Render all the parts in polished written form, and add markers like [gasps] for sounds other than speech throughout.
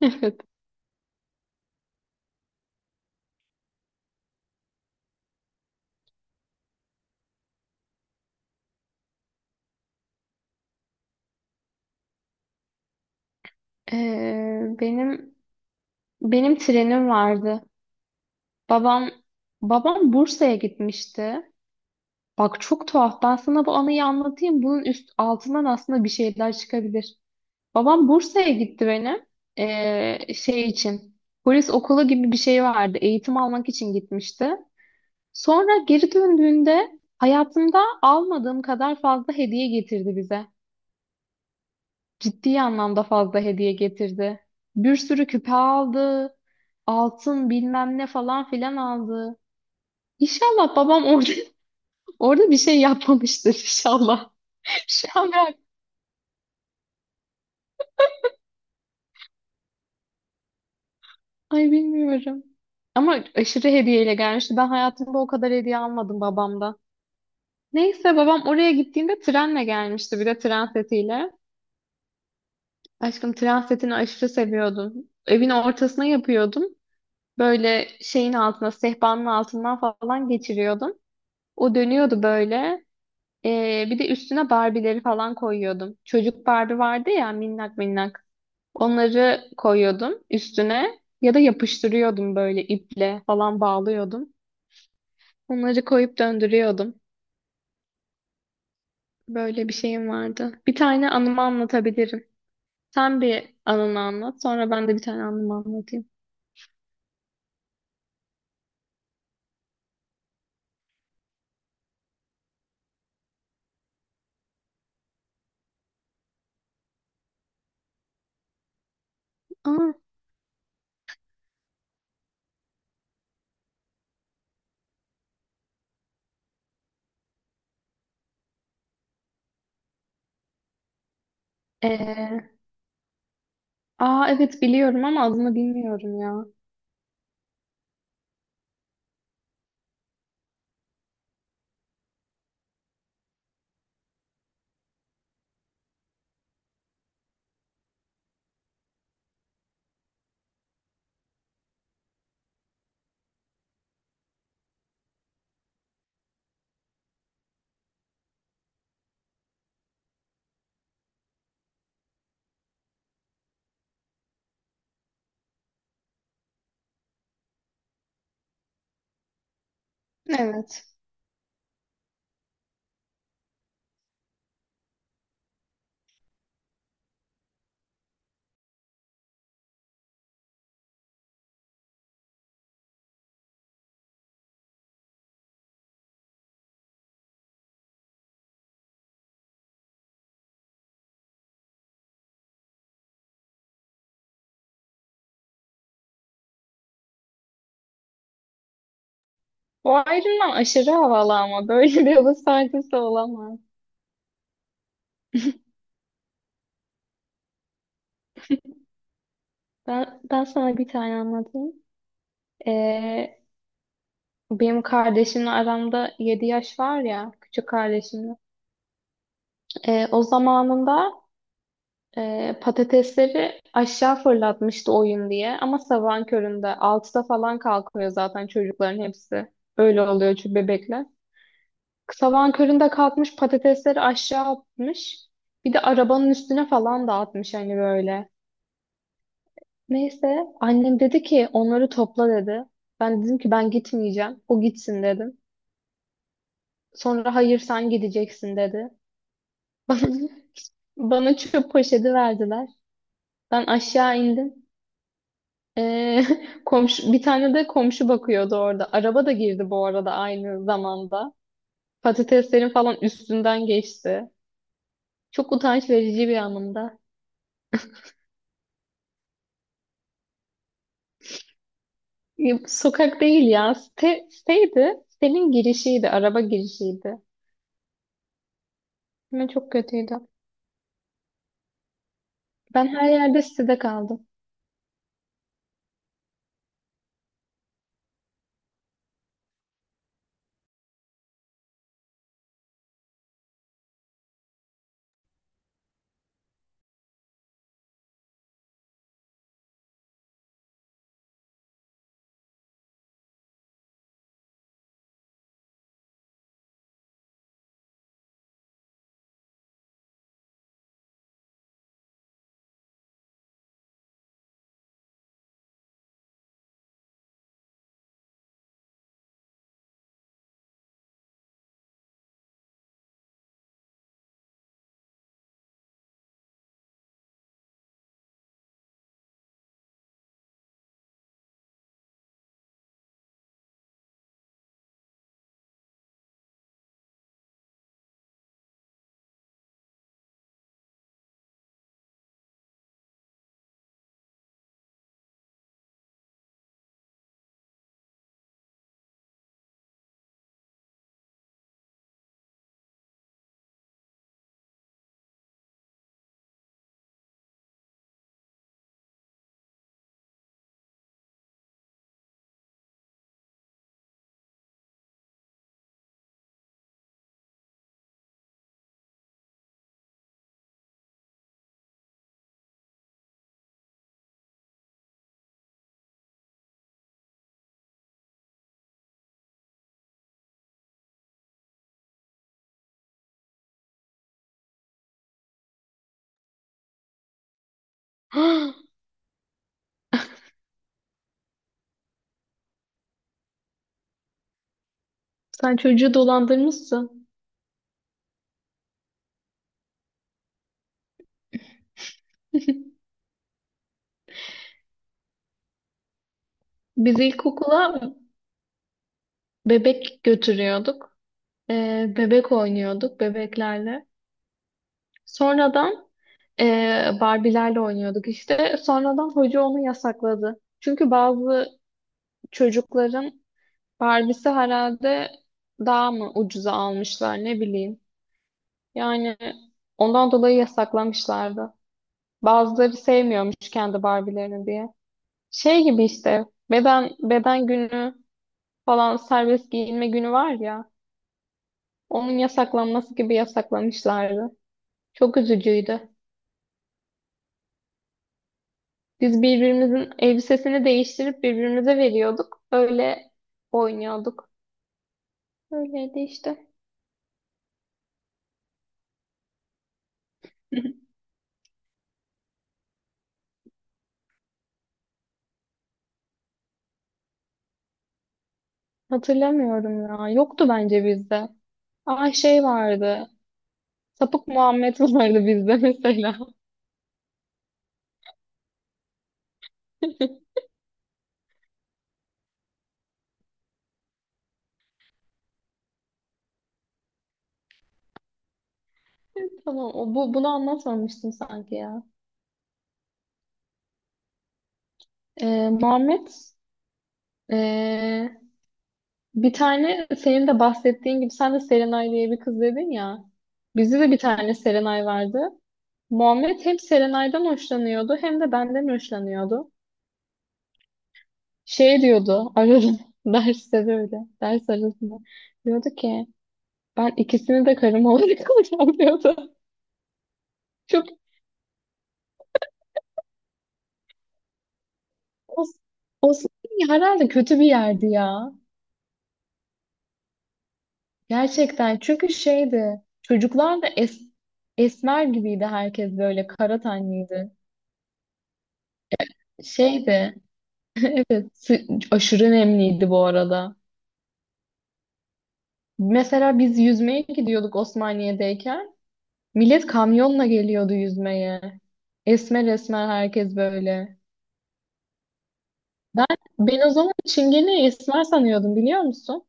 Evet. Ee, benim benim trenim vardı. Babam babam Bursa'ya gitmişti. Bak çok tuhaf. Ben sana bu anıyı anlatayım. Bunun üst altından aslında bir şeyler çıkabilir. Babam Bursa'ya gitti benim. Şey için. Polis okulu gibi bir şey vardı. Eğitim almak için gitmişti. Sonra geri döndüğünde hayatımda almadığım kadar fazla hediye getirdi bize. Ciddi anlamda fazla hediye getirdi. Bir sürü küpe aldı. Altın bilmem ne falan filan aldı. İnşallah babam orada [laughs] orada bir şey yapmamıştır inşallah. [laughs] Şu an ben ay bilmiyorum. Ama aşırı hediyeyle gelmişti. Ben hayatımda o kadar hediye almadım babamdan. Neyse babam oraya gittiğinde trenle gelmişti bir de tren setiyle. Aşkım tren setini aşırı seviyordum. Evin ortasına yapıyordum. Böyle şeyin altına, sehpanın altından falan geçiriyordum. O dönüyordu böyle. Bir de üstüne Barbie'leri falan koyuyordum. Çocuk Barbie vardı ya minnak minnak. Onları koyuyordum üstüne ya da yapıştırıyordum böyle iple falan bağlıyordum. Onları koyup döndürüyordum. Böyle bir şeyim vardı. Bir tane anımı anlatabilirim. Sen bir anını anlat, sonra ben de bir tane anımı anlatayım. Aa, ee, aa evet biliyorum ama adını bilmiyorum ya. Evet. Bu ayrımdan aşırı havalı ama böyle [laughs] bir hava saygısı olamaz. Ben sana bir tane anlatayım. Ee, Benim kardeşimle aramda 7 yaş var ya, küçük kardeşimle. O zamanında patatesleri aşağı fırlatmıştı oyun diye. Ama sabahın köründe 6'da falan kalkıyor zaten çocukların hepsi. Öyle oluyor çünkü bebekler. Sabahın köründe kalkmış patatesleri aşağı atmış. Bir de arabanın üstüne falan dağıtmış hani böyle. Neyse annem dedi ki onları topla dedi. Ben dedim ki ben gitmeyeceğim. O gitsin dedim. Sonra hayır sen gideceksin dedi. [laughs] Bana çöp poşeti verdiler. Ben aşağı indim. Ee, [laughs] bir tane de komşu bakıyordu orada. Araba da girdi bu arada aynı zamanda. Patateslerin falan üstünden geçti. Çok utanç verici bir anımda. Ya, sokak değil ya. Siteydi. Sitenin girişiydi. Araba girişiydi. Ama çok kötüydü. Ben her yerde sitede kaldım. [gasps] Sen çocuğu dolandırmışsın. [laughs] Biz ilkokula Bebek götürüyorduk. Bebek oynuyorduk bebeklerle. Sonradan Barbie'lerle oynuyorduk işte. Sonradan hoca onu yasakladı. Çünkü bazı çocukların Barbie'si herhalde daha mı ucuza almışlar ne bileyim. Yani ondan dolayı yasaklamışlardı. Bazıları sevmiyormuş kendi Barbie'lerini diye. Şey gibi işte beden günü falan serbest giyinme günü var ya. Onun yasaklanması gibi yasaklamışlardı. Çok üzücüydü. Biz birbirimizin elbisesini değiştirip birbirimize veriyorduk. Öyle oynuyorduk. Öyleydi işte. [clears throat] [laughs] Hatırlamıyorum ya. Yoktu bence bizde. Aa şey vardı. Sapık Muhammed vardı bizde [laughs] mesela. Tamam, bunu anlatmamıştım sanki ya. Ee, Muhammed, ee, bir tane senin de bahsettiğin gibi sen de Serenay diye bir kız dedin ya. Bizde de bir tane Serenay vardı. Muhammed hem Serenay'dan hoşlanıyordu hem de benden hoşlanıyordu. Şey diyordu ararım [laughs] derste böyle ders arasında. Diyordu ki ben ikisini de karım olarak [laughs] alacağım diyordu. Çok o, o herhalde kötü bir yerdi ya. Gerçekten çünkü şeydi çocuklar da esmer gibiydi herkes böyle kara tenliydi. Şeydi aşırı nemliydi bu arada. Mesela biz yüzmeye gidiyorduk Osmaniye'deyken. Millet kamyonla geliyordu yüzmeye. Esmer esmer herkes böyle. Ben, ben o zaman Çingene'yi esmer sanıyordum biliyor musun?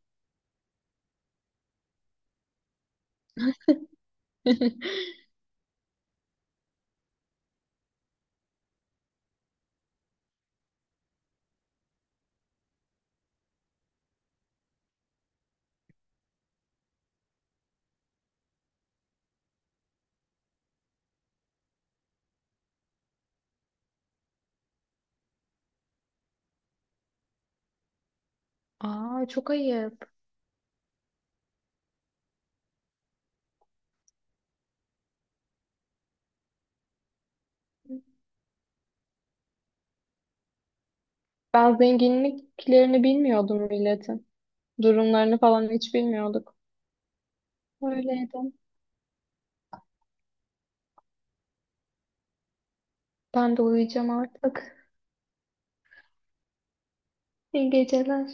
Aa çok ayıp. Ben zenginliklerini bilmiyordum milletin. Durumlarını falan hiç bilmiyorduk. Öyleydi. Ben de uyuyacağım artık. İyi geceler.